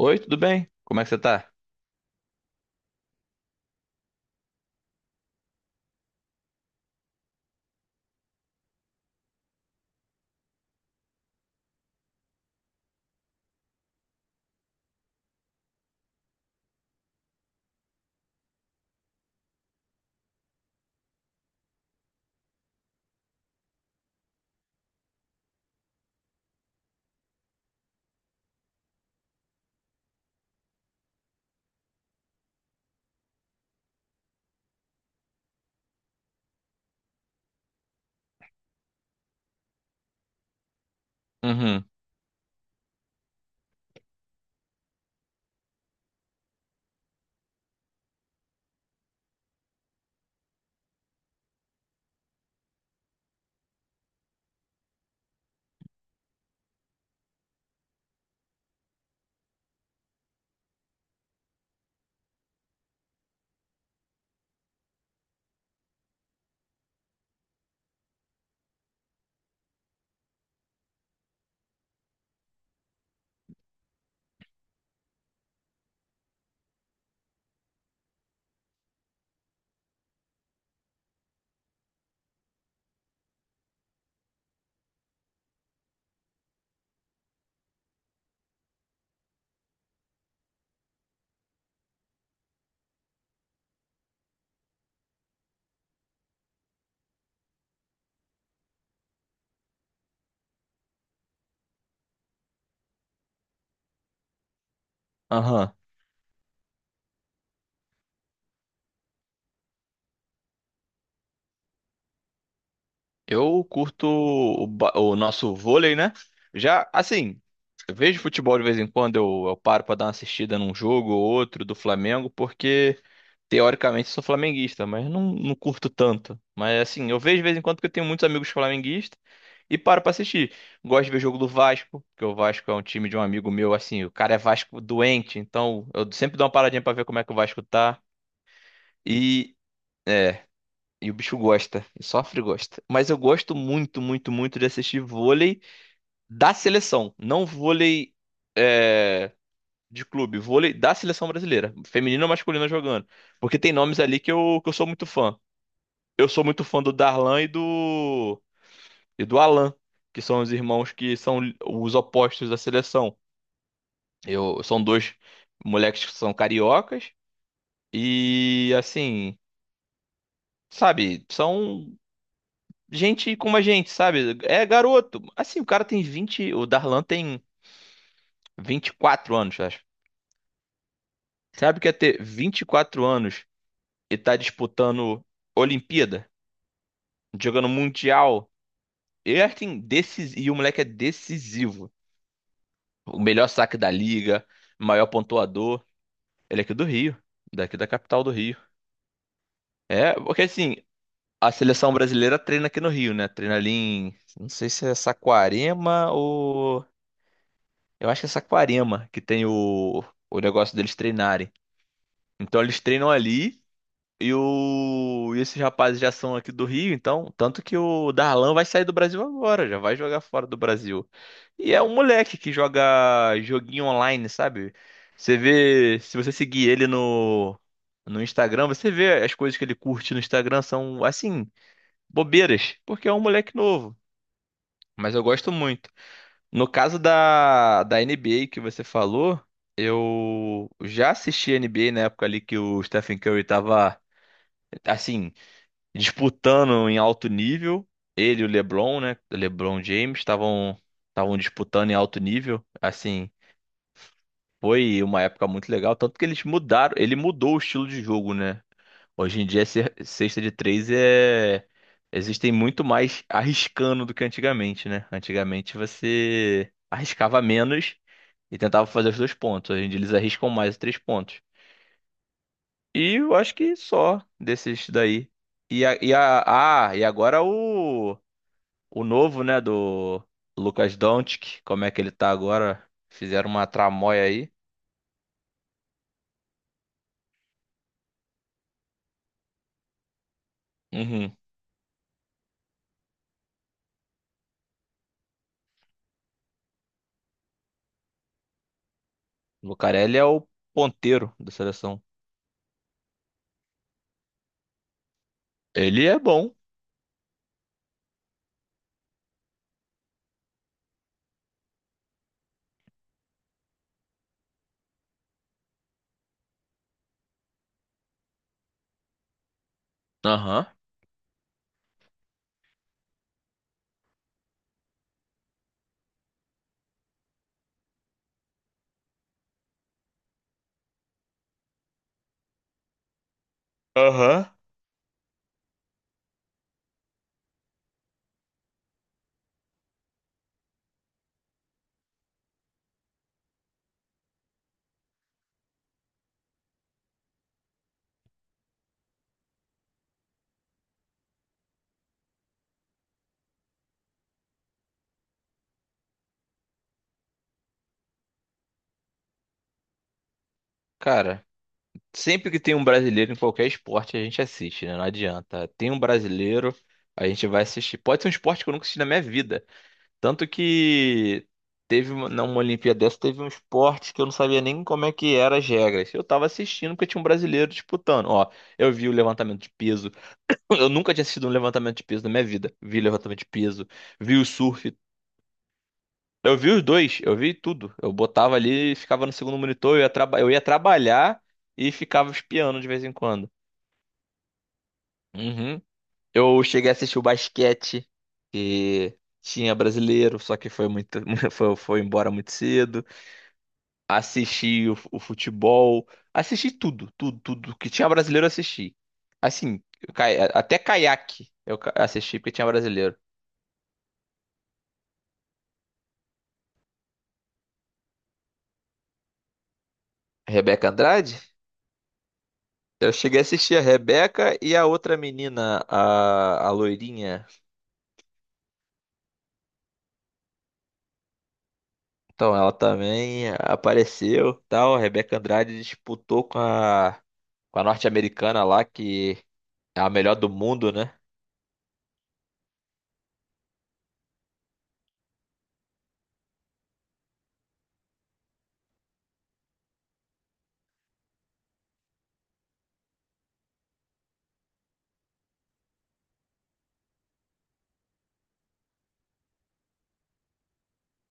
Oi, tudo bem? Como é que você tá? Uhum, aham. Eu curto o nosso vôlei, né? Já, assim, eu vejo futebol de vez em quando, eu paro pra dar uma assistida num jogo ou outro do Flamengo, porque teoricamente sou flamenguista, mas não curto tanto. Mas assim, eu vejo de vez em quando porque eu tenho muitos amigos flamenguistas e paro pra assistir. Gosto de ver jogo do Vasco, porque o Vasco é um time de um amigo meu, assim, o cara é Vasco doente, então eu sempre dou uma paradinha pra ver como é que o Vasco tá. E. é, E o bicho gosta, e sofre e gosta. Mas eu gosto muito, muito, muito de assistir vôlei da seleção. Não vôlei é, de clube, vôlei da seleção brasileira. Feminino ou masculino jogando. Porque tem nomes ali que eu sou muito fã. Eu sou muito fã do Darlan e do Alan, que são os irmãos que são os opostos da seleção. São dois moleques que são cariocas e, assim, sabe, são gente como a gente, sabe? É garoto. Assim, o Darlan tem 24 anos, acho. Sabe o que é ter 24 anos e tá disputando Olimpíada, jogando Mundial? E assim, decis... e o moleque é decisivo. O melhor saque da liga, o maior pontuador. Ele é aqui do Rio, daqui da capital do Rio. É, porque assim, a seleção brasileira treina aqui no Rio, né? Treina ali, não sei se é Saquarema ou Eu acho que é Saquarema que tem o negócio deles treinarem. Então eles treinam ali e esses rapazes já são aqui do Rio, então. Tanto que o Darlan vai sair do Brasil agora, já vai jogar fora do Brasil. E é um moleque que joga joguinho online, sabe? Você vê, se você seguir ele no Instagram, você vê as coisas que ele curte no Instagram são, assim, bobeiras, porque é um moleque novo. Mas eu gosto muito. No caso da NBA que você falou, eu já assisti N B a NBA na época ali que o Stephen Curry tava, assim, disputando em alto nível. Ele e o LeBron, né? O LeBron James estavam disputando em alto nível. Assim, foi uma época muito legal. Tanto que eles mudaram, ele mudou o estilo de jogo, né? Hoje em dia, cesta de três. Existem muito mais arriscando do que antigamente, né? Antigamente você arriscava menos e tentava fazer os dois pontos. Hoje em dia eles arriscam mais os três pontos. E eu acho que só desses daí. E, a, e, a, e agora o novo, né, do Lucas Doncic, como é que ele tá agora? Fizeram uma tramóia aí. Uhum. Lucarelli é o ponteiro da seleção. Ele é bom. Aham. Aham. Cara, sempre que tem um brasileiro em qualquer esporte, a gente assiste, né? Não adianta. Tem um brasileiro, a gente vai assistir. Pode ser um esporte que eu nunca assisti na minha vida. Tanto que teve numa Olimpíada dessa, teve um esporte que eu não sabia nem como é que era as regras. Eu tava assistindo porque tinha um brasileiro disputando. Ó, eu vi o levantamento de peso. Eu nunca tinha assistido um levantamento de peso na minha vida. Vi levantamento de peso, vi o surf. Eu vi os dois, eu vi tudo. Eu botava ali, e ficava no segundo monitor, eu ia trabalhar e ficava espiando de vez em quando. Uhum. Eu cheguei a assistir o basquete, que tinha brasileiro, só que foi embora muito cedo. Assisti o futebol, assisti tudo, tudo, tudo que tinha brasileiro eu assisti. Assim, até caiaque eu assisti porque tinha brasileiro. Rebeca Andrade? Eu cheguei a assistir a Rebeca e a outra menina, a loirinha. Então, ela também apareceu, tal. A Rebeca Andrade disputou com a norte-americana lá, que é a melhor do mundo, né?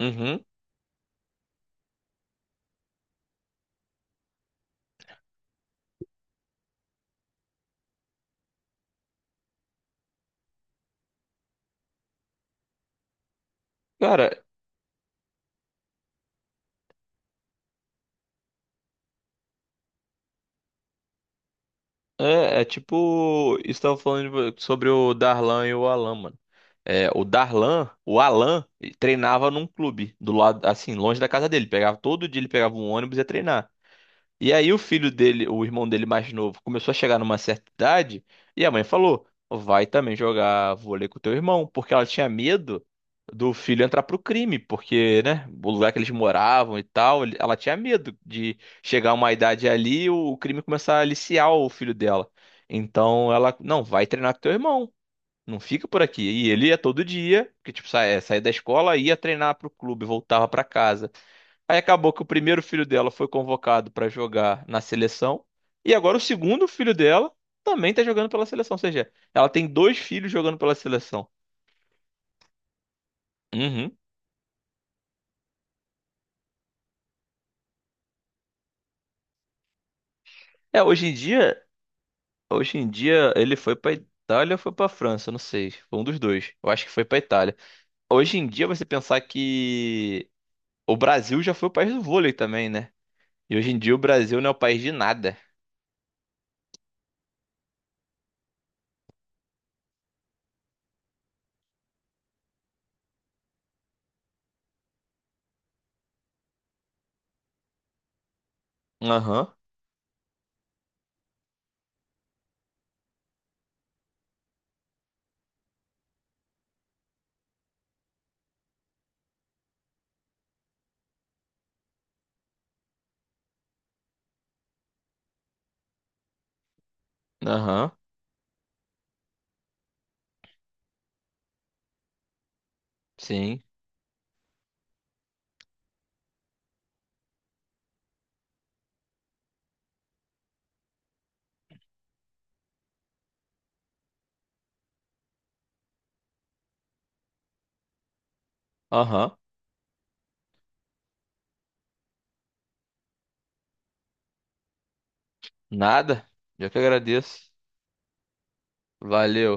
Uhum. Cara, é tipo, estava falando sobre o Darlan e o Alan, mano. É, o Darlan, o Alan, ele treinava num clube do lado, assim, longe da casa dele. Pegava todo dia, ele pegava um ônibus e ia treinar. E aí o filho dele, o irmão dele mais novo, começou a chegar numa certa idade e a mãe falou: "Vai também jogar vôlei com teu irmão", porque ela tinha medo do filho entrar pro crime, porque, né, o lugar que eles moravam e tal, ela tinha medo de chegar a uma idade ali e o crime começar a aliciar o filho dela. Então ela, não, vai treinar com teu irmão. Não fica por aqui. E ele ia todo dia, que tipo, saía da escola, ia treinar pro clube, voltava pra casa. Aí acabou que o primeiro filho dela foi convocado pra jogar na seleção. E agora o segundo filho dela também tá jogando pela seleção. Ou seja, ela tem dois filhos jogando pela seleção. Uhum. É, hoje em dia ele foi pra Itália ou foi pra França, não sei. Foi um dos dois. Eu acho que foi pra Itália. Hoje em dia você pensar que o Brasil já foi o país do vôlei também, né? E hoje em dia o Brasil não é o país de nada. Aham, aham, sim, aham, nada. Eu que agradeço. Valeu.